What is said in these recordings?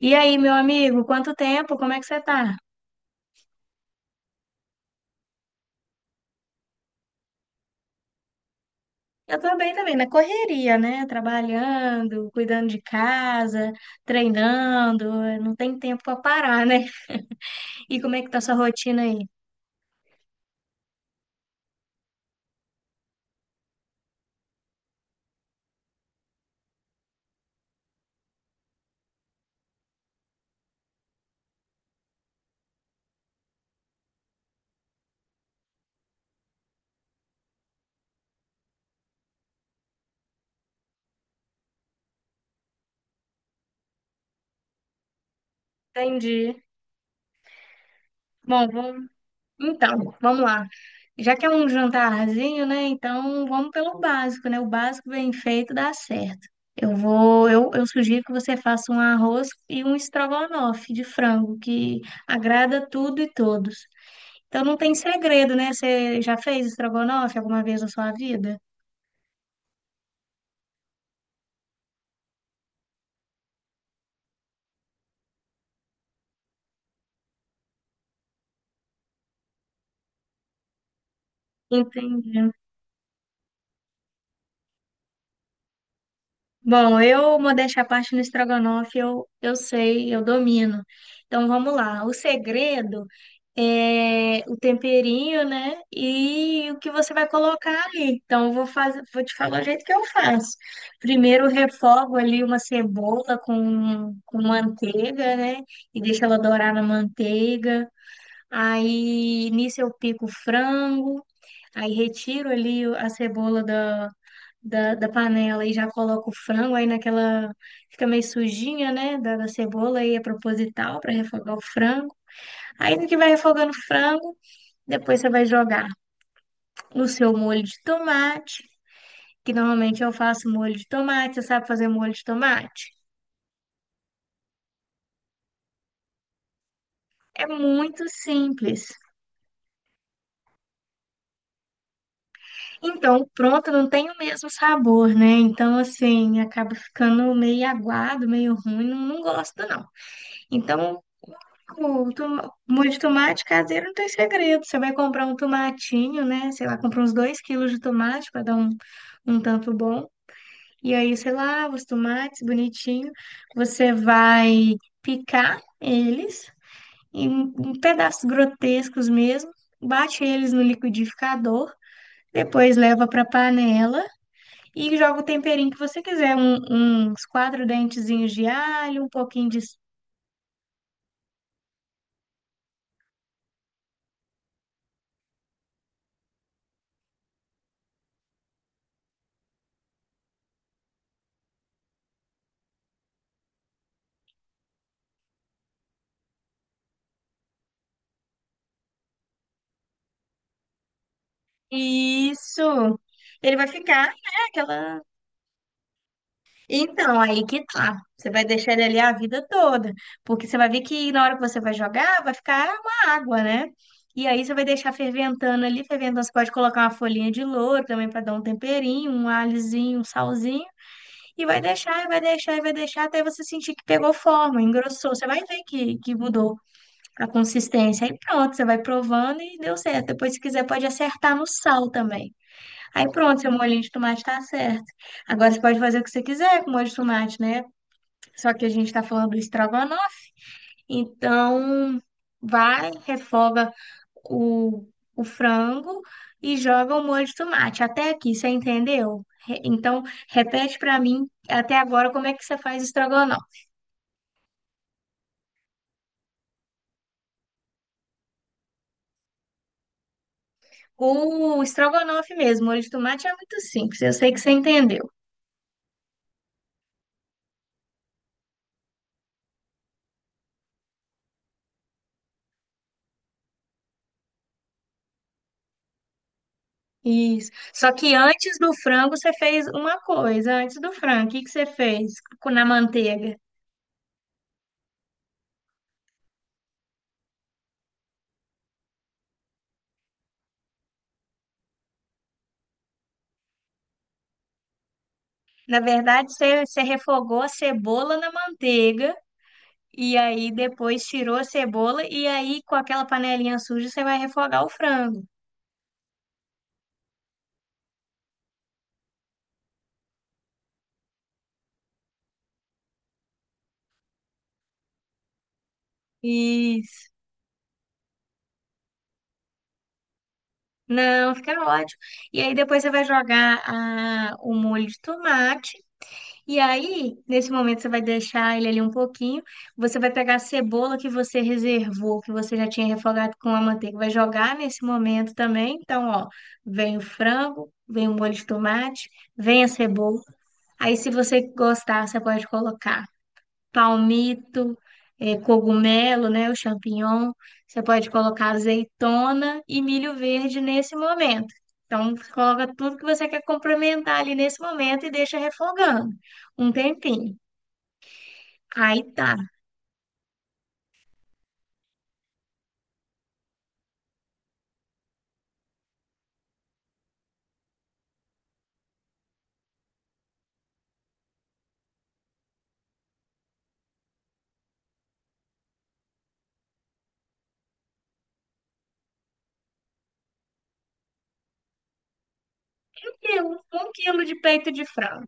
E aí, meu amigo, quanto tempo? Como é que você tá? Eu tô bem também, na correria, né? Trabalhando, cuidando de casa, treinando, não tem tempo pra parar, né? E como é que tá sua rotina aí? Entendi. Bom, então, vamos lá. Já que é um jantarzinho, né? Então, vamos pelo básico, né? O básico bem feito dá certo. Eu sugiro que você faça um arroz e um estrogonofe de frango, que agrada tudo e todos. Então não tem segredo, né? Você já fez estrogonofe alguma vez na sua vida? Entendi. Bom, modéstia à parte, no estrogonofe eu sei, eu domino. Então vamos lá. O segredo é o temperinho, né? E o que você vai colocar ali. Então vou te falar o jeito que eu faço. Primeiro eu refogo ali uma cebola com manteiga, né? E deixo ela dourar na manteiga. Aí nisso eu pico o frango. Aí retiro ali a cebola da panela e já coloco o frango. Aí naquela. Fica meio sujinha, né? Da cebola. Aí é proposital para refogar o frango. Aí no que vai refogando o frango, depois você vai jogar no seu molho de tomate. Que normalmente eu faço molho de tomate. Você sabe fazer molho de tomate? É muito simples. Então, pronto, não tem o mesmo sabor, né? Então, assim, acaba ficando meio aguado, meio ruim. Não, não gosto, não. Então. O tom- Molho de tomate caseiro não tem segredo. Você vai comprar um tomatinho, né? Sei lá, compra uns 2 quilos de tomate para dar um tanto bom. E aí, sei lá, os tomates bonitinho. Você vai picar eles em pedaços grotescos mesmo. Bate eles no liquidificador. Depois leva para panela e joga o temperinho que você quiser. Uns 4 dentezinhos de alho, um pouquinho de Isso. Ele vai ficar, né, aquela. Então, aí que tá. Você vai deixar ele ali a vida toda. Porque você vai ver que na hora que você vai jogar, vai ficar uma água, né? E aí você vai deixar ferventando ali. Ferventando, você pode colocar uma folhinha de louro também para dar um temperinho, um alhozinho, um salzinho. E vai deixar, e vai deixar, e vai deixar até você sentir que pegou forma, engrossou. Você vai ver que mudou a consistência. Aí pronto, você vai provando e deu certo. Depois, se quiser, pode acertar no sal também. Aí pronto, seu molhinho de tomate tá certo. Agora você pode fazer o que você quiser com molho de tomate, né? Só que a gente tá falando do estrogonofe. Então, vai, refoga o, o frango e joga o molho de tomate. Até aqui, você entendeu? Então, repete pra mim até agora como é que você faz estrogonofe. O estrogonofe mesmo, molho de tomate é muito simples. Eu sei que você entendeu. Isso. Só que antes do frango você fez uma coisa. Antes do frango, o que que você fez na manteiga? Na verdade, você refogou a cebola na manteiga e aí depois tirou a cebola e aí com aquela panelinha suja você vai refogar o frango. Isso. Não, fica ótimo. E aí depois você vai jogar o molho de tomate. E aí, nesse momento, você vai deixar ele ali um pouquinho. Você vai pegar a cebola que você reservou, que você já tinha refogado com a manteiga, vai jogar nesse momento também. Então, ó, vem o frango, vem o molho de tomate, vem a cebola. Aí, se você gostar, você pode colocar palmito, cogumelo, né, o champignon. Você pode colocar azeitona e milho verde nesse momento. Então, você coloca tudo que você quer complementar ali nesse momento e deixa refogando um tempinho. Aí tá. Um quilo de peito de frango.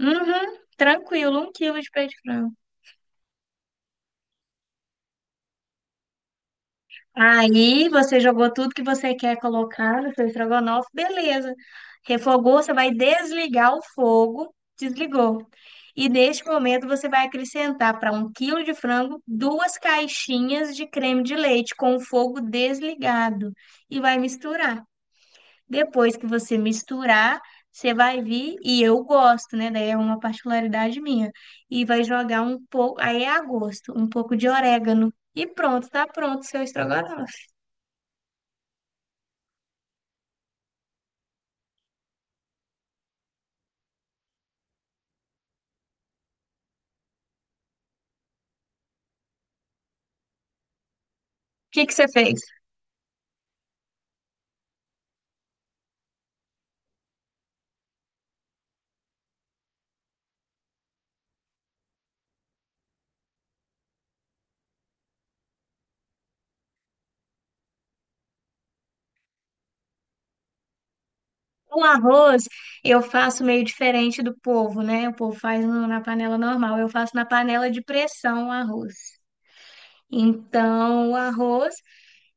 Uhum, tranquilo, 1 quilo de peito de frango. Aí você jogou tudo que você quer colocar no seu estrogonofe, beleza. Refogou, você vai desligar o fogo, desligou. E neste momento você vai acrescentar para 1 quilo de frango 2 caixinhas de creme de leite com o fogo desligado e vai misturar. Depois que você misturar, você vai vir, e eu gosto, né? Daí é uma particularidade minha. E vai jogar um pouco, aí é a gosto, um pouco de orégano. E pronto, tá pronto o seu estrogonofe. Que você fez? O arroz eu faço meio diferente do povo, né? O povo faz na panela normal, eu faço na panela de pressão o arroz. Então, o arroz,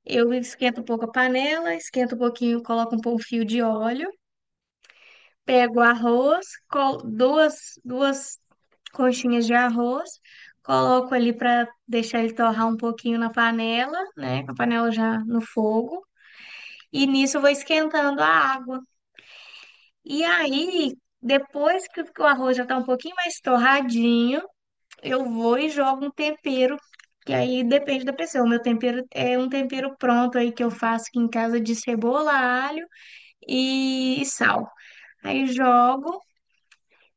eu esquento um pouco a panela, esquento um pouquinho, coloco um pouco fio de óleo, pego o arroz, duas conchinhas de arroz, coloco ali para deixar ele torrar um pouquinho na panela, né? Com a panela já no fogo. E nisso eu vou esquentando a água. E aí, depois que o arroz já tá um pouquinho mais torradinho, eu vou e jogo um tempero, que aí depende da pessoa. O meu tempero é um tempero pronto aí que eu faço aqui em casa de cebola, alho e sal. Aí jogo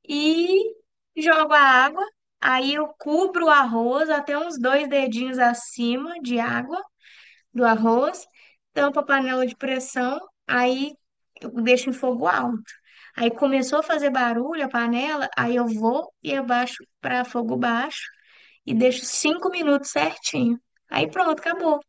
e jogo a água. Aí eu cubro o arroz até uns 2 dedinhos acima de água do arroz, tampa a panela de pressão, aí eu deixo em fogo alto. Aí começou a fazer barulho a panela, aí eu vou e abaixo para fogo baixo e deixo 5 minutos certinho. Aí pronto, acabou.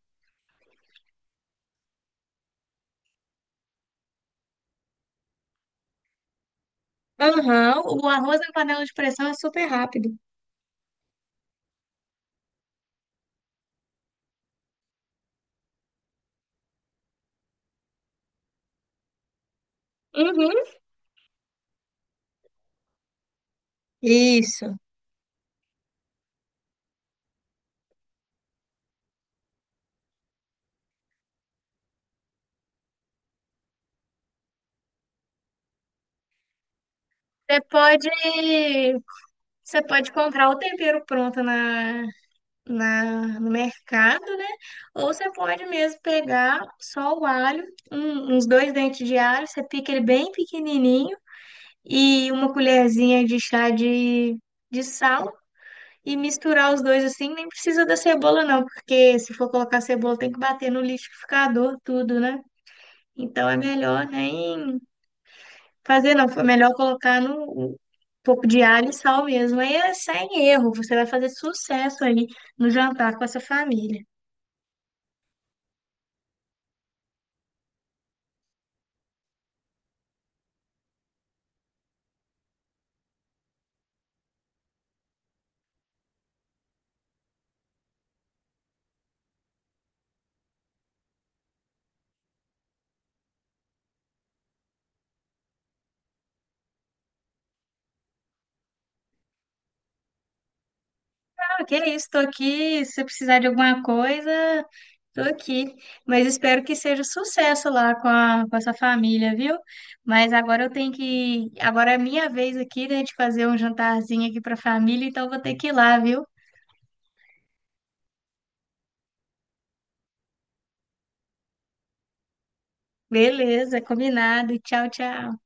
Aham, o arroz na panela de pressão é super rápido. Uhum. Isso. Você pode, você pode comprar o tempero pronto no mercado, né? Ou você pode mesmo pegar só o alho, uns 2 dentes de alho, você pica ele bem pequenininho e uma colherzinha de chá de sal e misturar os dois assim. Nem precisa da cebola, não, porque se for colocar cebola tem que bater no liquidificador, tudo, né? Então é melhor nem fazer, não. Foi melhor colocar no. Um pouco de alho e sal mesmo. Aí é sem erro, você vai fazer sucesso aí no jantar com essa família. Ok, estou aqui. Se você precisar de alguma coisa, estou aqui. Mas espero que seja sucesso lá com a sua família, viu? Mas agora eu tenho que. Agora é minha vez aqui, né, de fazer um jantarzinho aqui para a família, então eu vou ter que ir lá, viu? Beleza, combinado. Tchau, tchau.